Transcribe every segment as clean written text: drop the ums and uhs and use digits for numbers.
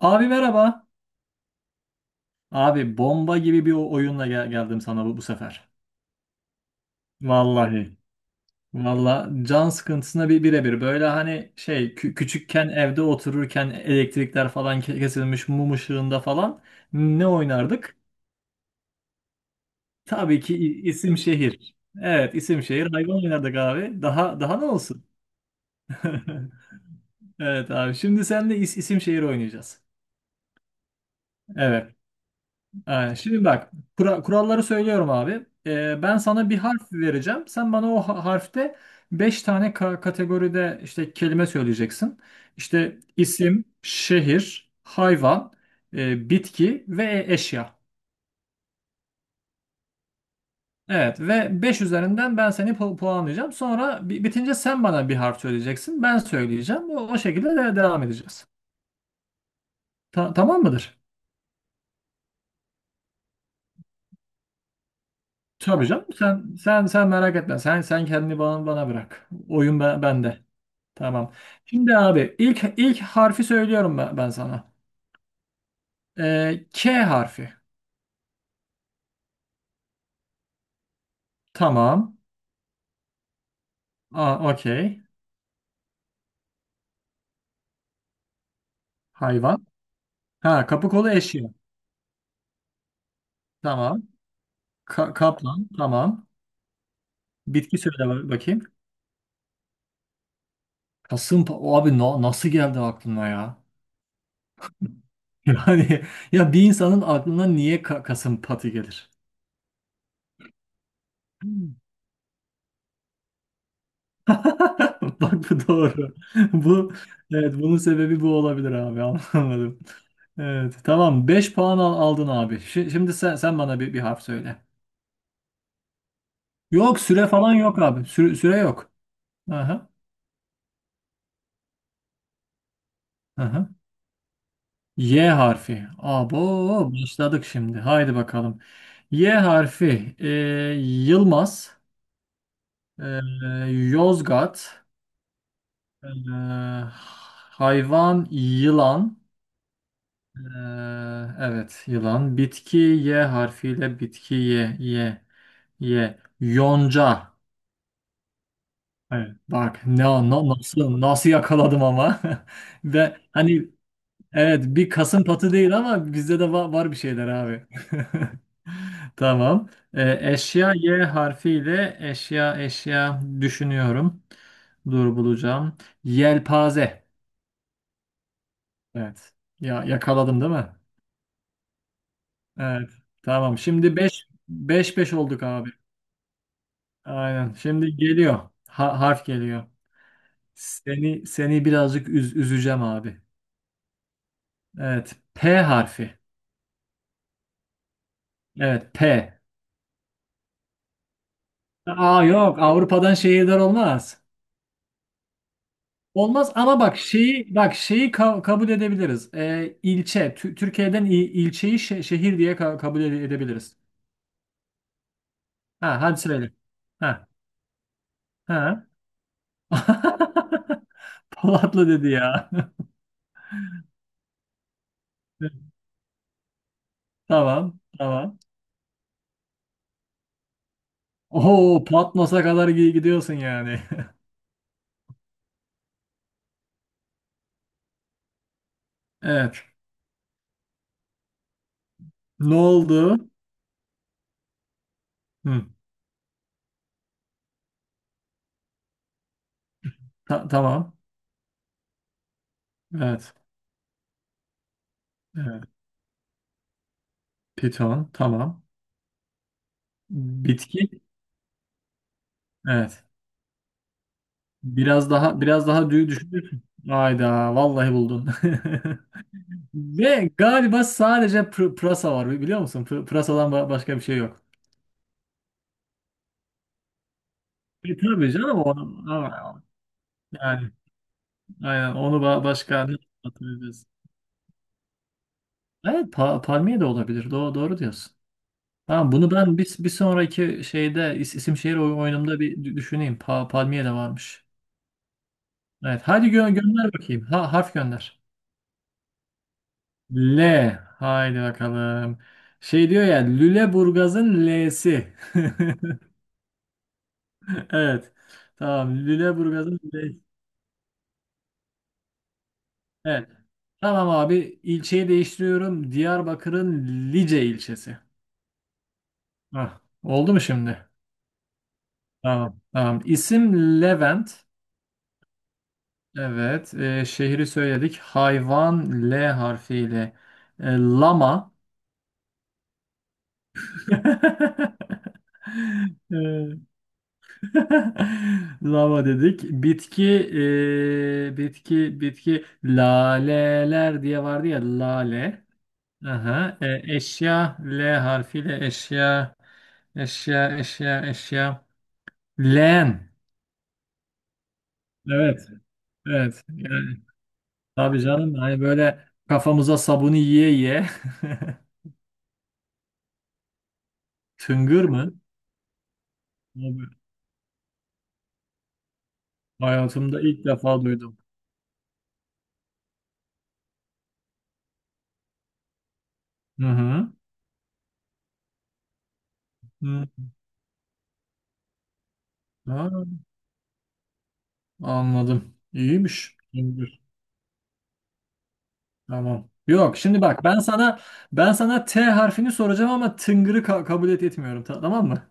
Abi merhaba. Abi bomba gibi bir oyunla geldim sana bu sefer. Vallahi. Vallahi can sıkıntısına birebir. Böyle hani şey küçükken evde otururken elektrikler falan kesilmiş mum ışığında falan ne oynardık? Tabii ki isim şehir. Evet isim şehir hayvan oynardık abi. Daha daha ne olsun? Evet abi şimdi seninle isim şehir oynayacağız. Evet. Aynen. Şimdi bak kuralları söylüyorum abi. Ben sana bir harf vereceğim. Sen bana o harfte 5 tane kategoride işte kelime söyleyeceksin. İşte isim, şehir, hayvan, bitki ve eşya. Evet ve beş üzerinden ben seni puanlayacağım. Sonra bitince sen bana bir harf söyleyeceksin. Ben söyleyeceğim. O şekilde de devam edeceğiz. Tamam mıdır? Tabii canım. Sen merak etme. Sen kendini bana bırak. Oyun ben, bende. Tamam. Şimdi abi ilk harfi söylüyorum ben sana. K harfi. Tamam. Aa, okey. Hayvan. Ha, kapı kolu eşya. Tamam. Kaplan. Tamam. Bitki söyle bakayım. Kasım o abi nasıl geldi aklına ya? Yani ya bir insanın aklına niye kasım patı gelir? Bak bu doğru. Bu evet bunun sebebi bu olabilir abi anlamadım. Evet tamam 5 puan aldın abi. Şimdi sen bana bir harf söyle. Yok süre falan yok abi. Süre yok. Aha, aha. Y harfi. Abo başladık şimdi. Haydi bakalım. Y harfi. Yılmaz. e, Yozgat. e, hayvan yılan. Evet yılan. Bitki Y harfiyle bitki Y. Yonca. Evet, bak ne nasıl nasıl yakaladım ama. Ve hani evet bir kasım patı değil ama bizde de var bir şeyler abi. Tamam. Eşya Y harfiyle eşya eşya düşünüyorum. Dur bulacağım. Yelpaze. Evet. Ya yakaladım değil mi? Evet. Tamam. Şimdi 5 5 5 olduk abi. Aynen. Şimdi geliyor. Harf geliyor. Seni birazcık üzeceğim abi. Evet. P harfi. Evet P. Aa yok, Avrupa'dan şehirler olmaz. Olmaz ama bak şeyi kabul edebiliriz. İlçe Türkiye'den ilçeyi şehir diye kabul edebiliriz. Ha hadi söyle. Ha ha. Polatlı dedi ya. Tamam, tamam. Oo, Patmos'a kadar gidiyorsun yani. Evet. Ne oldu? Hı, tamam. Evet. Evet. Piton. Tamam. Bitki. Evet. Biraz daha biraz daha düşünürsün. Hayda. Vallahi buldun. Ve galiba sadece pırasa var. Biliyor musun? Pırasadan başka bir şey yok. Tabii canım onu ama yani aynen onu başka ne hatırlayacağız? Evet palmiye de olabilir. Doğru diyorsun. Tamam, bunu ben bir sonraki şeyde isim şehir oyunumda bir düşüneyim. Palmiye de varmış. Evet, hadi gönder bakayım. Ha, harf gönder. L. Haydi bakalım. Şey diyor ya, Lüleburgaz'ın L'si. Evet. Tamam. Lüleburgaz'ın L'si. Evet. Tamam abi. İlçeyi değiştiriyorum. Diyarbakır'ın Lice ilçesi. Hah. Oldu mu şimdi? Tamam. Tamam. İsim Levent. Evet. Şehri söyledik. Hayvan L harfiyle. Lama. E, Lava dedik. Bitki, bitki, bitki. Laleler diye vardı ya, lale. Aha. Eşya L harfiyle eşya, eşya, eşya, eşya. Leğen. Evet, evet. Yani, tabii canım. Hani böyle kafamıza sabunu yiye yiye. Tıngır mı? Abi, hayatımda ilk defa duydum. Hı hı. Hı. Ha, anladım. İyiymiş. Tamam. Yok, şimdi bak, ben sana T harfini soracağım ama tıngırı kabul etmiyorum, tamam mı?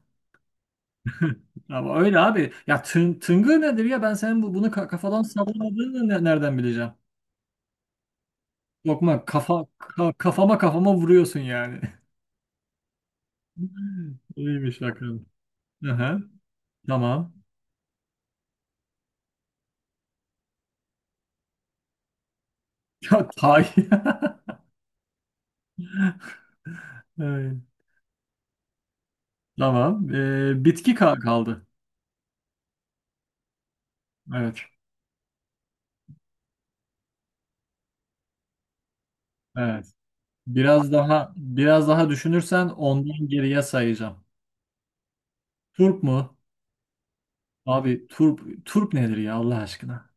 Ama öyle abi. Ya tıngır nedir ya? Ben senin bunu kafadan sallamadığını nereden bileceğim? Lokma kafa, kafama vuruyorsun yani. İyiymiş bakalım. Aha, tamam. Ya tay. Evet. Tamam. Bitki kaldı. Evet. Evet. Biraz daha biraz daha düşünürsen ondan geriye sayacağım. Turp mu? Abi, turp turp nedir ya, Allah aşkına?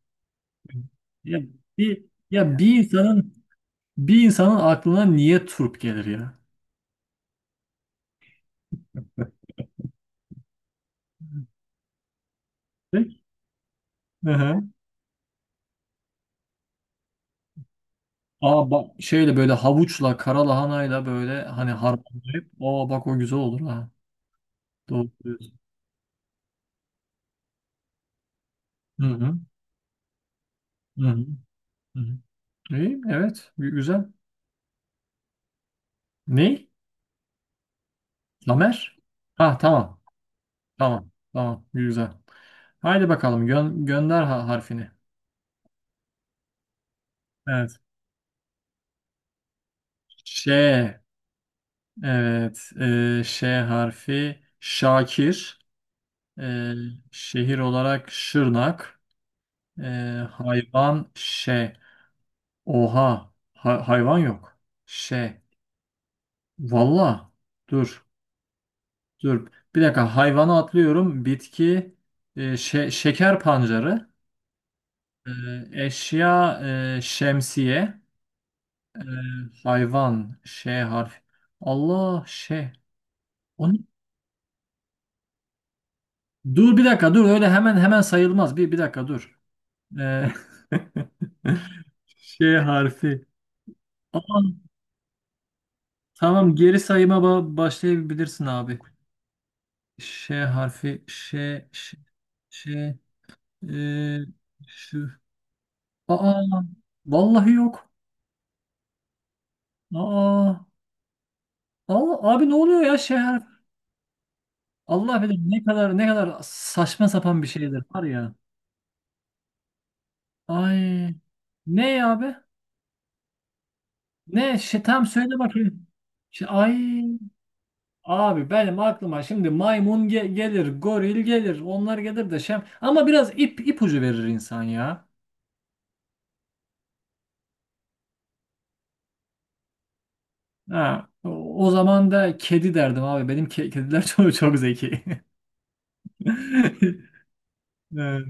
Ya bir ya bir insanın bir insanın aklına niye turp gelir ya? Peki. Hı hı. Aa bak, şeyle böyle, havuçla kara lahanayla böyle hani harmanlayıp, o bak o güzel olur ha. Doğru diyorsun. Hı hı. Hı hı. Hı hı. İyi, evet, güzel. Ne? Lamer? Ha tamam. Tamam. Tamam. Güzel. Haydi bakalım, gönder harfini. Evet. Ş. Evet. Ş harfi Şakir. E, şehir olarak Şırnak. E, hayvan Ş. Oha. Hayvan yok. Ş. Valla. Dur. Dur. Bir dakika. Hayvanı atlıyorum. Bitki, şeker pancarı. E, eşya, şemsiye. E, hayvan Ş harfi. Allah Ş. O ne? Dur bir dakika, dur öyle hemen hemen sayılmaz. Bir dakika dur. Ee, Ş harfi. Aa, tamam, geri sayıma başlayabilirsin abi. Ş harfi. Ş. Ş. Ş. E, şu. Aa. Vallahi yok. Aa. Allah, abi ne oluyor ya, Ş harfi? Allah bilir ne kadar ne kadar saçma sapan bir şeydir var ya. Ay. Ne abi? Ne? Tamam, söyle bakayım. Ay. Abi benim aklıma şimdi maymun gelir, goril gelir, onlar gelir de. Ama biraz ipucu verir insan ya. Ha, o zaman da kedi derdim abi. Benim kediler çok çok zeki. Evet,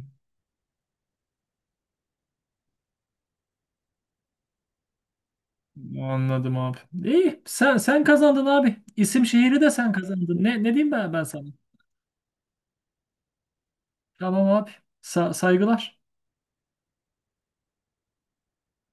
anladım abi. İyi, sen kazandın abi. İsim şehri de sen kazandın. Ne diyeyim ben sana? Tamam abi. Saygılar.